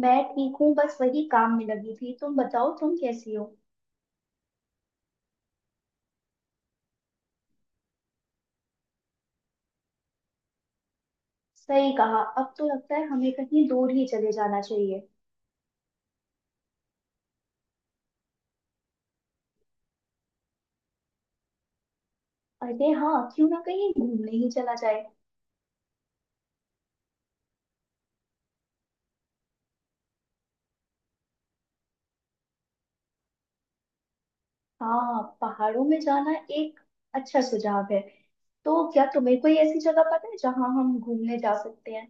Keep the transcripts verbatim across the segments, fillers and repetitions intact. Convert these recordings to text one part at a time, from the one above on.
मैं ठीक हूँ। बस वही काम में लगी थी। तुम बताओ, तुम कैसी हो? सही कहा, अब तो लगता है हमें कहीं दूर ही चले जाना चाहिए। अरे हाँ, क्यों ना कहीं घूमने ही चला जाए। हाँ, पहाड़ों में जाना एक अच्छा सुझाव है। तो क्या तुम्हें कोई ऐसी जगह पता है जहाँ हम घूमने जा सकते हैं?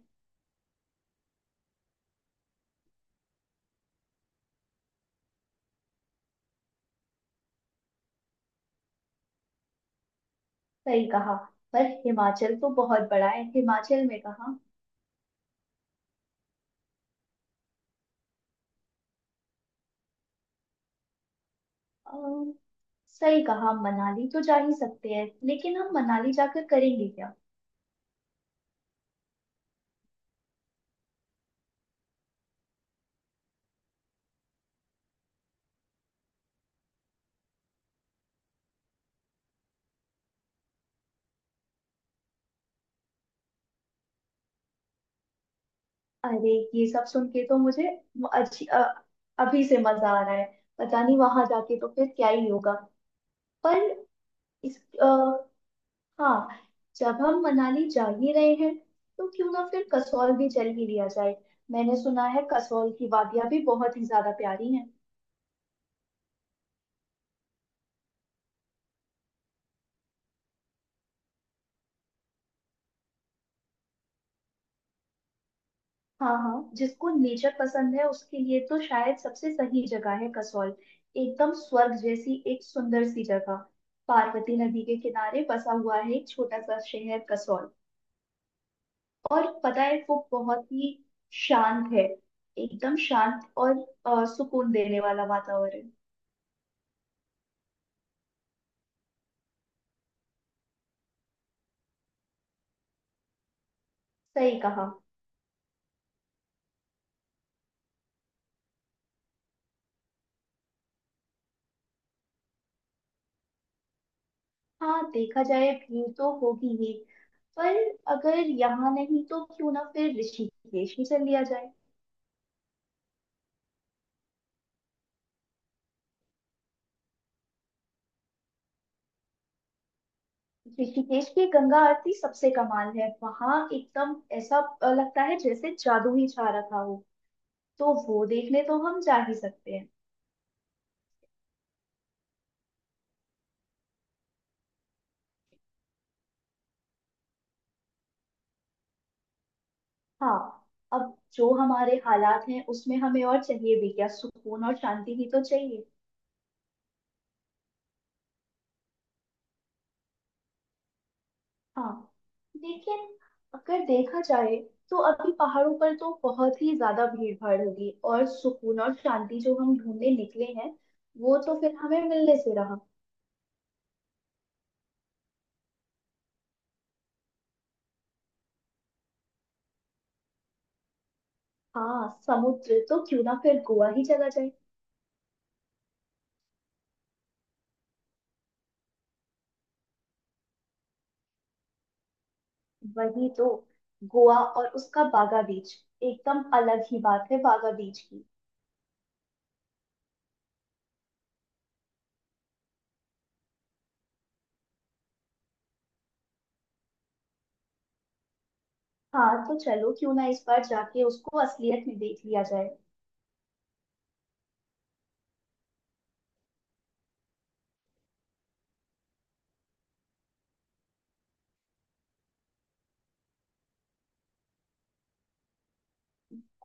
सही कहा, पर हिमाचल तो बहुत बड़ा है, हिमाचल में कहाँ? अम, सही कहा, मनाली तो जा ही सकते हैं, लेकिन हम मनाली जाकर करेंगे क्या? अरे, ये सब सुन के तो मुझे अच्छी अ, अभी से मजा आ रहा है। पता नहीं वहां जाके तो फिर क्या ही होगा। पर इस अ, हाँ, जब हम मनाली जा ही रहे हैं, तो क्यों ना फिर कसौल भी चल ही लिया जाए। मैंने सुना है कसौल की वादियां भी बहुत ही ज्यादा प्यारी हैं। हाँ हाँ, जिसको नेचर पसंद है उसके लिए तो शायद सबसे सही जगह है कसौल। एकदम स्वर्ग जैसी एक सुंदर सी जगह। पार्वती नदी के किनारे बसा हुआ है एक छोटा सा शहर कसौल। और पता है, वो बहुत ही शांत है। एकदम शांत और अ, सुकून देने वाला वातावरण। सही कहा। हाँ, देखा जाए भीड़ तो होगी ही, पर अगर यहाँ नहीं तो क्यों ना फिर ऋषिकेश ही चल लिया जाए। ऋषिकेश की गंगा आरती सबसे कमाल है। वहां एकदम ऐसा अ, लगता है जैसे जादू ही छा रखा हो। तो वो देखने तो हम जा ही सकते हैं। हाँ, अब जो हमारे हालात हैं उसमें हमें और चाहिए भी क्या, सुकून और शांति ही तो चाहिए। हाँ, लेकिन अगर देखा जाए, तो अभी पहाड़ों पर तो बहुत ही ज्यादा भीड़ भाड़ होगी, और सुकून और शांति जो हम ढूंढने निकले हैं, वो तो फिर हमें मिलने से रहा। हाँ, समुद्र तो क्यों ना फिर गोवा ही चला जाए। वही तो, गोवा और उसका बागा बीच। एकदम अलग ही बात है बागा बीच की। हाँ, तो चलो क्यों ना इस बार जाके उसको असलियत में देख लिया जाए।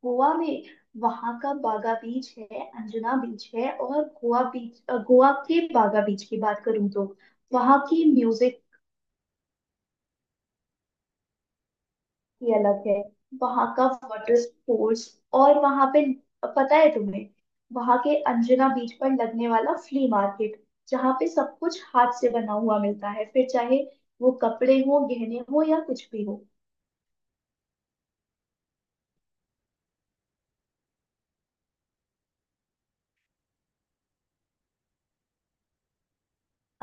गोवा में वहां का बागा बीच है, अंजुना बीच है और गोवा बीच, अ, गोवा के बागा बीच की बात करूँ तो वहां की म्यूजिक ही अलग है। वहां का वाटर स्पोर्ट्स, और वहां पे, पता है तुम्हें, वहां के अंजुना बीच पर लगने वाला फ्ली मार्केट, जहाँ पे सब कुछ हाथ से बना हुआ मिलता है, फिर चाहे वो कपड़े हो, गहने हो या कुछ भी हो।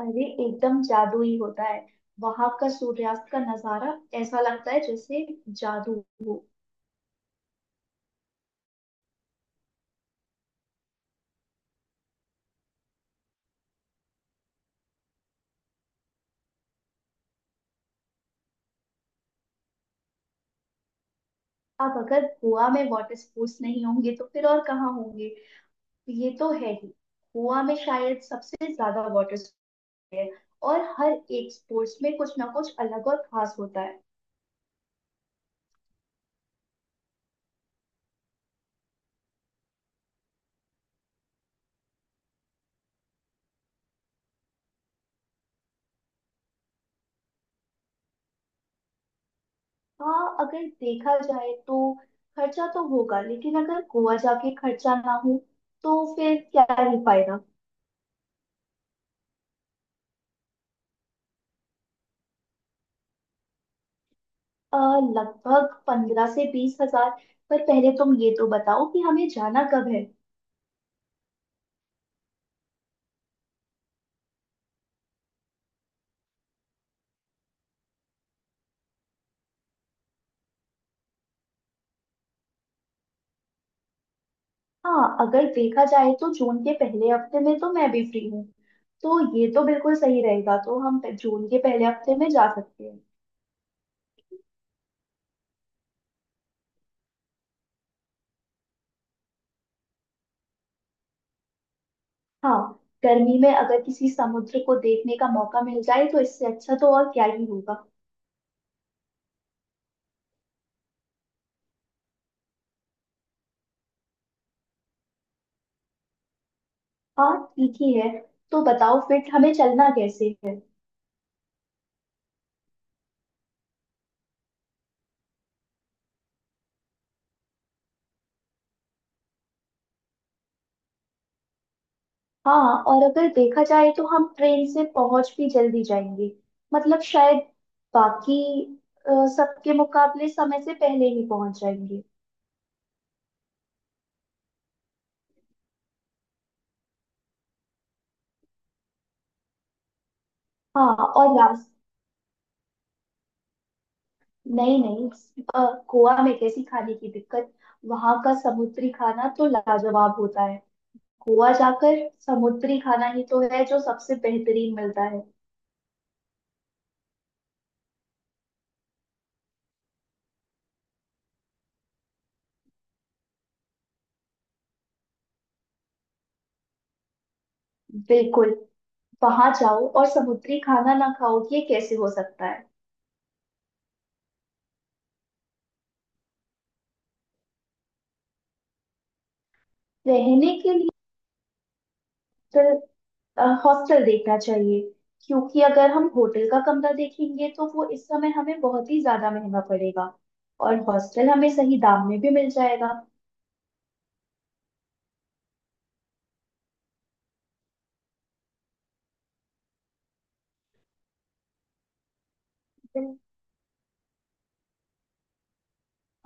अरे, एकदम जादू ही होता है वहां का सूर्यास्त का नजारा। ऐसा लगता है जैसे जादू हो। अब अगर गोवा में वाटर स्पोर्ट्स नहीं होंगे तो फिर और कहाँ होंगे। तो ये तो है ही, गोवा में शायद सबसे ज्यादा वाटर स्पोर्ट्स है, और हर एक स्पोर्ट्स में कुछ ना कुछ अलग और खास होता है। हाँ, अगर देखा जाए तो खर्चा तो होगा, लेकिन अगर गोवा जाके खर्चा ना हो, तो फिर क्या ही फायदा। अ, लगभग पंद्रह से बीस हजार। पर पहले तुम ये तो बताओ कि हमें जाना कब है। हाँ, अगर देखा जाए तो जून के पहले हफ्ते में तो मैं भी फ्री हूँ। तो ये तो बिल्कुल सही रहेगा। तो हम पे- जून के पहले हफ्ते में जा सकते हैं। हाँ, गर्मी में अगर किसी समुद्र को देखने का मौका मिल जाए तो इससे अच्छा तो और क्या ही होगा। हाँ, ठीक ही है। तो बताओ फिर हमें चलना कैसे है। हाँ, और अगर देखा जाए तो हम ट्रेन से पहुंच भी जल्दी जाएंगे। मतलब शायद बाकी अ, सबके मुकाबले समय से पहले ही पहुंच जाएंगे। हाँ, और रास्ते, नहीं नहीं, अ, गोवा में कैसी खाने की दिक्कत। वहां का समुद्री खाना तो लाजवाब होता है। गोवा जाकर समुद्री खाना ही तो है जो सबसे बेहतरीन मिलता है। बिल्कुल, वहां जाओ और समुद्री खाना ना खाओ, ये कैसे हो सकता है। रहने के लिए हॉस्टल, अ, हॉस्टल देखना चाहिए, क्योंकि अगर हम होटल का कमरा देखेंगे तो वो इस समय हमें बहुत ही ज्यादा महंगा पड़ेगा, और हॉस्टल हमें सही दाम में भी मिल जाएगा।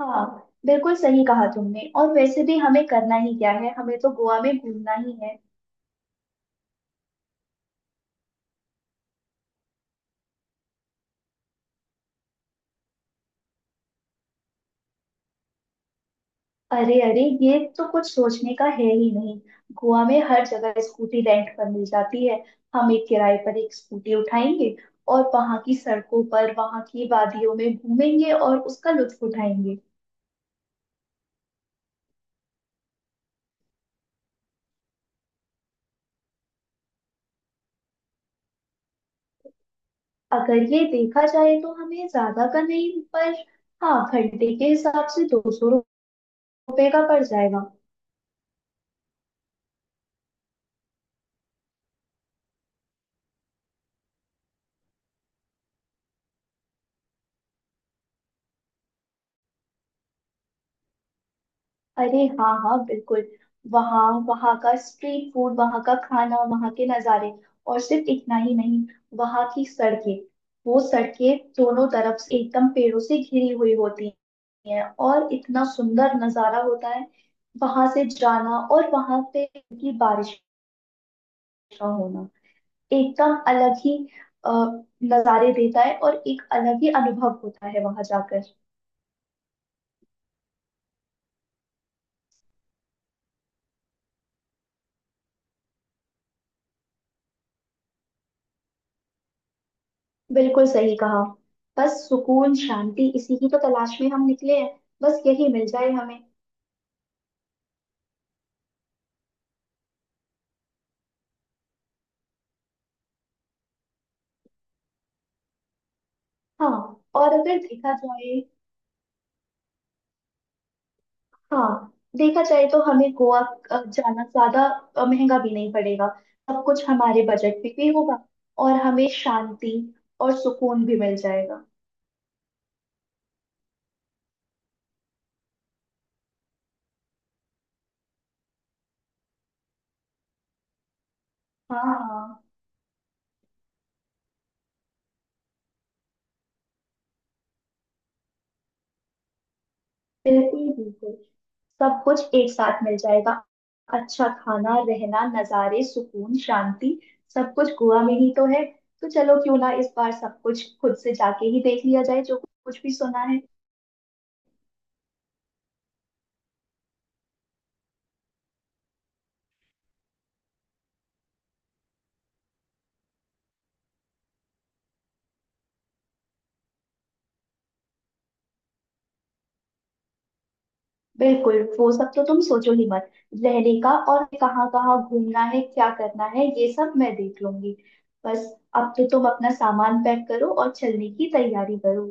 हाँ, बिल्कुल सही कहा तुमने, और वैसे भी हमें करना ही क्या है, हमें तो गोवा में घूमना ही है। अरे अरे, ये तो कुछ सोचने का है ही नहीं। गोवा में हर जगह स्कूटी रेंट पर मिल जाती है। हम एक किराए पर एक स्कूटी उठाएंगे, और वहां की सड़कों पर, वहां की वादियों में घूमेंगे और उसका लुत्फ उठाएंगे। अगर ये देखा जाए तो हमें ज्यादा का नहीं पर, हाँ, घंटे के हिसाब से दो सौ रुपये का पड़ जाएगा। अरे हाँ हाँ, बिल्कुल। वहाँ, वहाँ का स्ट्रीट फूड, वहाँ का खाना, वहाँ के नज़ारे, और सिर्फ इतना ही नहीं, वहाँ की सड़कें, वो सड़कें दोनों तरफ से एकदम पेड़ों से घिरी हुई होती हैं, और इतना सुंदर नज़ारा होता है। वहां से जाना और वहां पे की बारिश का होना एकदम अलग ही अ, नज़ारे देता है, और एक अलग ही अनुभव होता है वहां जाकर। बिल्कुल सही कहा, बस सुकून शांति इसी की तो तलाश में हम निकले हैं। बस यही मिल जाए हमें। हाँ, और अगर देखा जाए, हाँ, देखा जाए तो हमें गोवा अ, जाना ज्यादा अ, महंगा भी नहीं पड़ेगा। सब कुछ हमारे बजट में भी होगा, और हमें शांति और सुकून भी मिल जाएगा। हाँ हाँ। बिल्कुल बिल्कुल, सब कुछ एक साथ मिल जाएगा। अच्छा खाना, रहना, नज़ारे, सुकून, शांति, सब कुछ गोवा में ही तो है। तो चलो क्यों ना इस बार सब कुछ खुद से जाके ही देख लिया जाए जो कुछ भी सुना है। बिल्कुल, वो सब तो तुम सोचो ही मत। रहने का और कहाँ कहाँ घूमना है, क्या करना है, ये सब मैं देख लूंगी। बस, अब तो तुम अपना सामान पैक करो और चलने की तैयारी करो।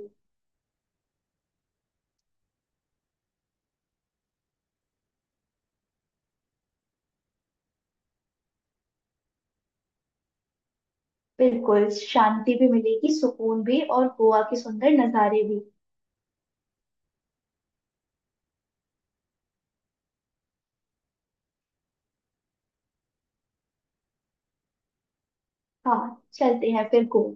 बिल्कुल, शांति भी मिलेगी, सुकून भी, और गोवा के सुंदर नज़ारे भी। हाँ, चलते हैं फिर गोवा।